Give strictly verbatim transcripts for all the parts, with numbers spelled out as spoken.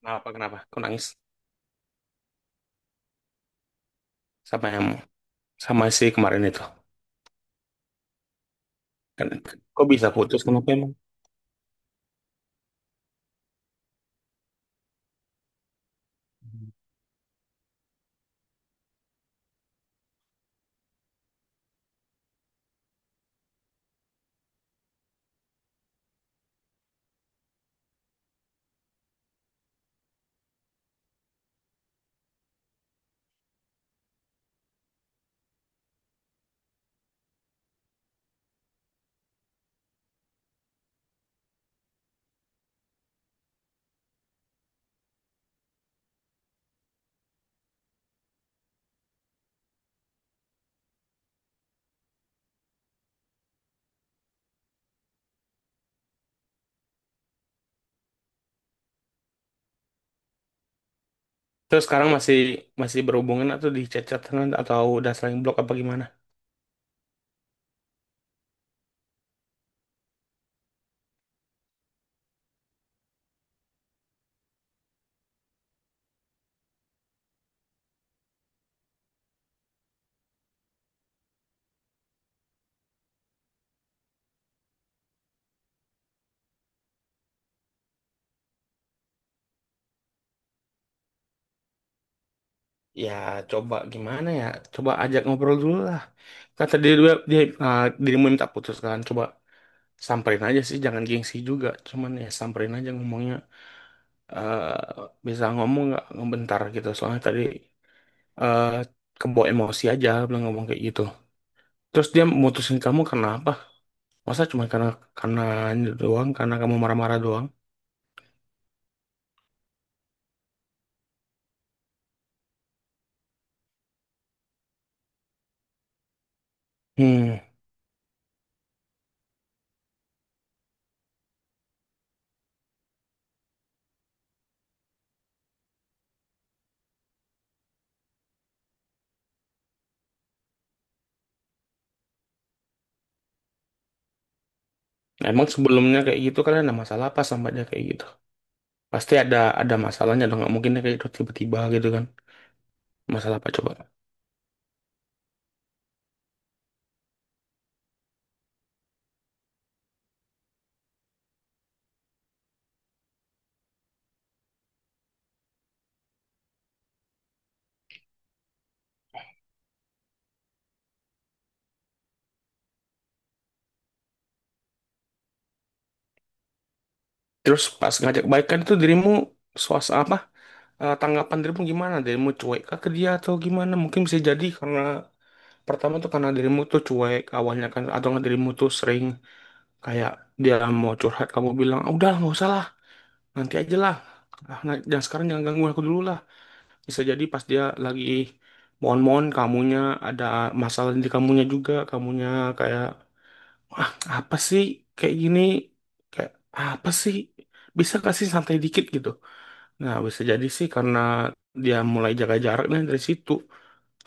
Kenapa, kenapa? Kau nangis sama yang sama si kemarin itu? Kan, kok bisa putus? Kenapa emang? Terus sekarang masih masih berhubungan atau di chat-chatan atau udah saling blok apa gimana? Ya, coba gimana ya? Coba ajak ngobrol dulu lah. Kata dia dia, dia ah, dirimu minta putus kan? Coba samperin aja sih, jangan gengsi juga. Cuman ya samperin aja ngomongnya. Eh bisa ngomong nggak ngebentar gitu. Soalnya tadi eh kebawa emosi aja, bilang ngomong kayak gitu. Terus dia mutusin kamu karena apa? Masa cuma karena karena ini doang, karena kamu marah-marah doang? Hmm, emang sebelumnya kayak gitu kalian ada masalah apa sama dia kayak gitu? Pasti ada ada masalahnya dong, nggak mungkin dia kayak gitu tiba-tiba gitu kan. Masalah apa coba? Terus pas ngajak baikan itu dirimu suas apa? Eh, tanggapan dirimu gimana? Dirimu cuek kah ke dia atau gimana? Mungkin bisa jadi karena pertama tuh karena dirimu tuh cuek awalnya kan atau nggak dirimu tuh sering kayak dia mau curhat kamu bilang, "Ah, udah nggak usah lah, nanti aja lah. Ah, nah, jangan sekarang jangan gangguin aku dulu lah." Bisa jadi pas dia lagi mohon-mohon kamunya ada masalah di kamunya juga, kamunya kayak, ah, apa sih, kayak gini? Kayak apa sih? Bisa kasih santai dikit gitu. Nah, bisa jadi sih karena dia mulai jaga jaraknya dari situ.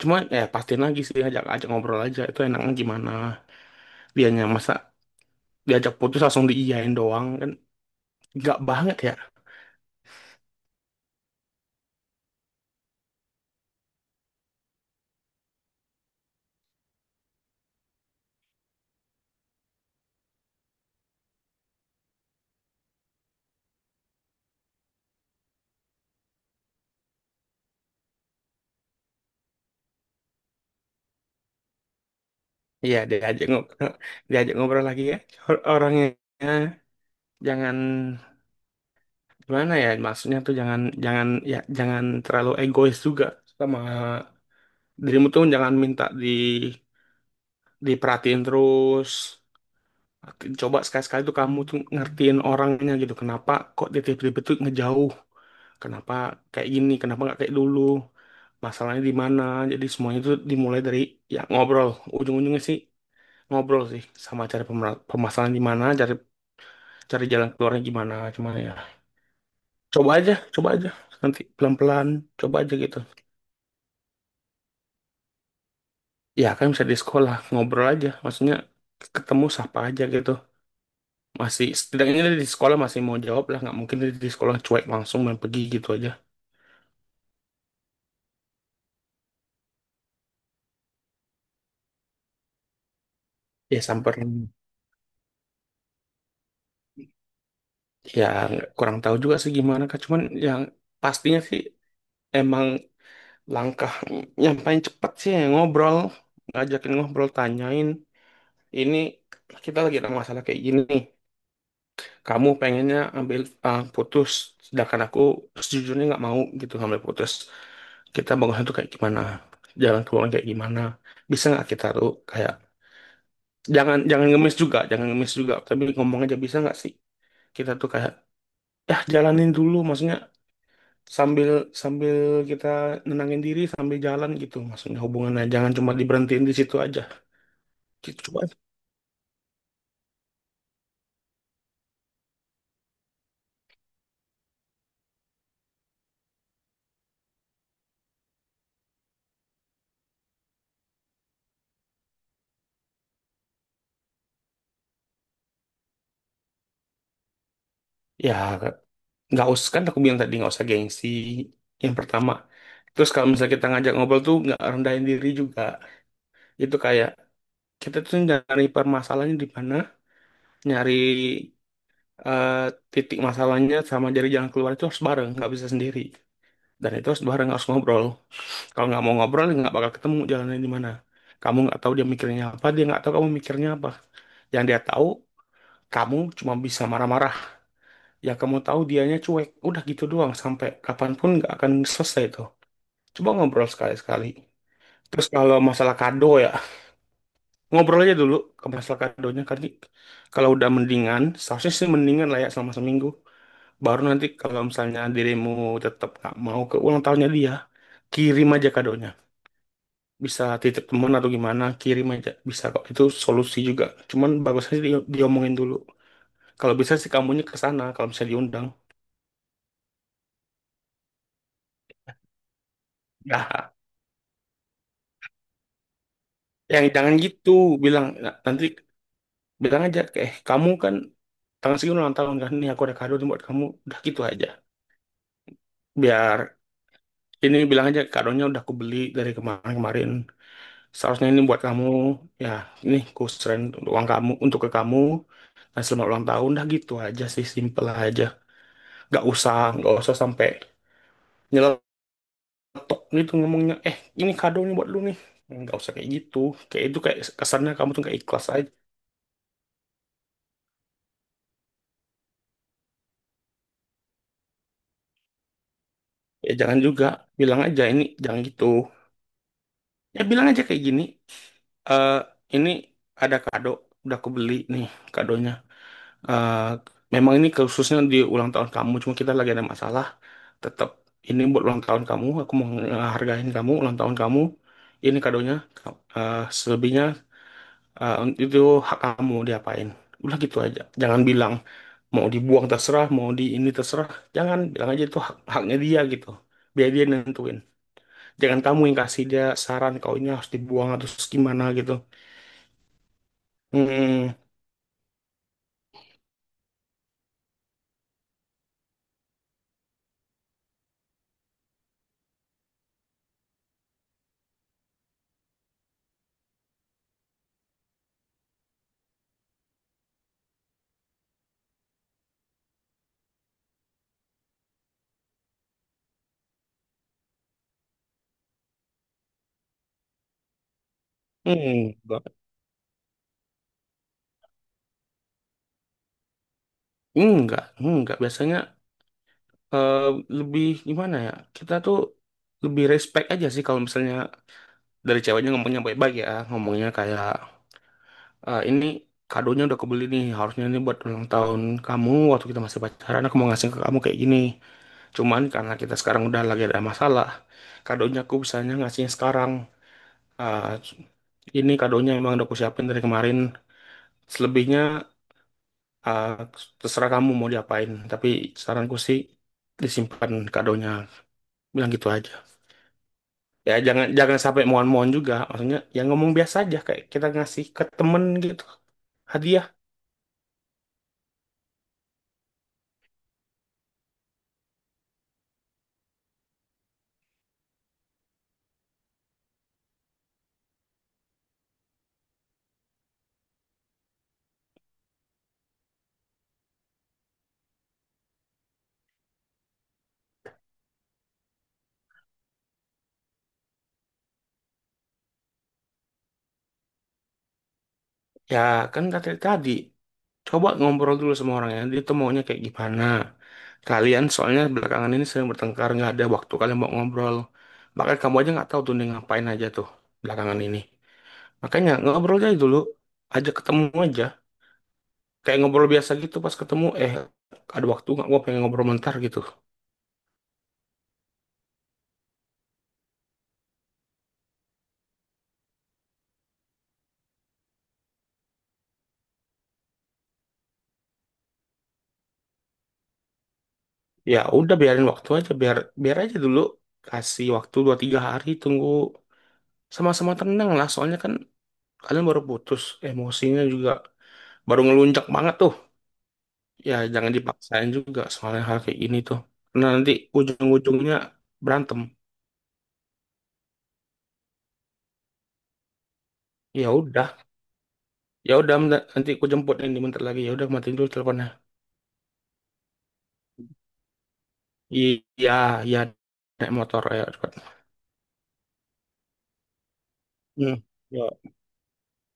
Cuma ya pastiin lagi sih, ajak ajak ngobrol aja itu enaknya gimana. Dianya masa diajak putus langsung diiyain doang kan, nggak banget ya. Iya, diajak ngobrol, diajak ngobrol lagi ya. Or- Orangnya jangan, gimana ya, maksudnya tuh jangan jangan ya jangan terlalu egois juga. Sama dirimu tuh jangan minta di diperhatiin terus, coba sekali-sekali tuh kamu tuh ngertiin orangnya gitu. Kenapa kok dia tiba-tiba tuh ngejauh, kenapa kayak gini, kenapa nggak kayak dulu, masalahnya di mana. Jadi semuanya itu dimulai dari ya ngobrol. Ujung-ujungnya sih ngobrol sih, sama cari pemer- permasalahan di mana, cari cari jalan keluarnya gimana. Cuman ya coba aja, coba aja, nanti pelan-pelan coba aja gitu. Ya kan bisa di sekolah ngobrol aja, maksudnya ketemu siapa aja gitu. Masih setidaknya dia di sekolah masih mau jawab lah, nggak mungkin dia di sekolah cuek langsung main pergi gitu aja. Ya samperin. Ya nggak, kurang tahu juga sih gimana kak, cuman yang pastinya sih emang langkah yang paling cepat sih ya ngobrol, ngajakin ngobrol, tanyain ini kita lagi ada masalah kayak gini, kamu pengennya ambil, ah, putus, sedangkan aku sejujurnya nggak mau gitu ngambil putus. Kita bangunnya tuh kayak gimana, jalan keluarnya kayak gimana, bisa nggak kita tuh kayak, jangan jangan ngemis juga, jangan ngemis juga, tapi ngomong aja bisa nggak sih kita tuh kayak ya jalanin dulu. Maksudnya sambil sambil kita nenangin diri sambil jalan, gitu maksudnya. Hubungannya jangan cuma diberhentiin di situ aja gitu, coba. Ya nggak usah, kan aku bilang tadi nggak usah gengsi yang pertama. Terus kalau misalnya kita ngajak ngobrol tuh nggak rendahin diri juga, itu kayak kita tuh nyari permasalahannya di mana, nyari, eh, titik masalahnya sama jari jalan keluar itu harus bareng, nggak bisa sendiri. Dan itu harus bareng, harus ngobrol. Kalau nggak mau ngobrol ya nggak bakal ketemu jalannya di mana. Kamu nggak tahu dia mikirnya apa, dia nggak tahu kamu mikirnya apa. Yang dia tahu, kamu cuma bisa marah-marah. Ya kamu tahu dianya cuek, udah gitu doang sampai kapanpun nggak akan selesai itu. Coba ngobrol sekali-sekali. Terus kalau masalah kado ya, ngobrol aja dulu ke masalah kadonya. Karena kalau udah mendingan, seharusnya sih mendingan lah ya selama seminggu. Baru nanti kalau misalnya dirimu tetap nggak mau ke ulang tahunnya dia, kirim aja kadonya. Bisa titip temen atau gimana, kirim aja. Bisa kok, itu solusi juga. Cuman bagusnya sih di- diomongin dulu. Kalau bisa sih kamunya ke sana, kalau bisa diundang. Nah, yang jangan gitu. Bilang, nah, nanti bilang aja, eh kamu kan tanggal segini ulang tahun kan, nih aku ada kado nih buat kamu, udah gitu aja. Biar ini, bilang aja kadonya udah aku beli dari kemarin-kemarin, seharusnya ini buat kamu ya, ini ku serahin uang kamu untuk ke kamu, dan selamat ulang tahun, dah gitu aja sih, simple aja. Gak usah, gak usah sampai nyeletuk gitu ngomongnya, eh ini kadonya buat lu nih, nggak usah kayak gitu, kayak itu kayak kesannya kamu tuh nggak ikhlas aja. Ya jangan juga, bilang aja, ini jangan gitu. Ya bilang aja kayak gini, eh ini ada kado, udah aku beli nih kadonya. Eh, memang ini khususnya di ulang tahun kamu, cuma kita lagi ada masalah. Tetap ini buat ulang tahun kamu, aku mau menghargain kamu, ulang tahun kamu. Ini kadonya, Ka- eh selebihnya, eh, itu hak kamu diapain. Udah gitu aja, jangan bilang mau dibuang terserah, mau di ini terserah. Jangan bilang aja itu hak- haknya dia gitu. Biar dia nentuin. Jangan kamu yang kasih dia saran, kau ini harus dibuang atau terus gimana gitu. Hmm, hmm, enggak, enggak, enggak. Biasanya, eh, lebih gimana ya? Kita tuh lebih respect aja sih kalau misalnya dari ceweknya ngomongnya baik-baik ya, ngomongnya kayak, "Eh, ini kadonya udah kebeli nih, harusnya ini buat ulang tahun kamu waktu kita masih pacaran aku mau ngasih ke kamu kayak gini. Cuman karena kita sekarang udah lagi ada masalah, kadonya aku bisanya ngasihnya sekarang. Ah, ini kadonya emang udah aku siapin dari kemarin. Selebihnya, ah, terserah kamu mau diapain, tapi saranku sih disimpan kadonya." Bilang gitu aja. Ya jangan, jangan sampai mohon-mohon juga. Maksudnya ya ngomong biasa aja kayak kita ngasih ke temen gitu, hadiah. Ya kan kata tadi, coba ngobrol dulu sama orangnya, dia tuh maunya kayak gimana. Kalian soalnya belakangan ini sering bertengkar, nggak ada waktu kalian mau ngobrol, bahkan kamu aja nggak tahu tuh dia ngapain aja tuh belakangan ini. Makanya ngobrol aja dulu, ajak ketemu aja, kayak ngobrol biasa gitu pas ketemu, eh ada waktu nggak, gua pengen ngobrol bentar gitu. Ya udah, biarin waktu aja, biar biar aja dulu. Kasih waktu dua tiga hari, tunggu sama-sama tenang lah, soalnya kan kalian baru putus, emosinya juga baru ngelunjak banget tuh. Ya jangan dipaksain juga, soalnya hal kayak gini tuh, karena nanti ujung-ujungnya berantem. Ya udah, ya udah, bentar- nanti aku jemput ini bentar lagi, ya udah matiin dulu teleponnya. Iya, iya, naik motor ya, cepat. Hmm. Ya.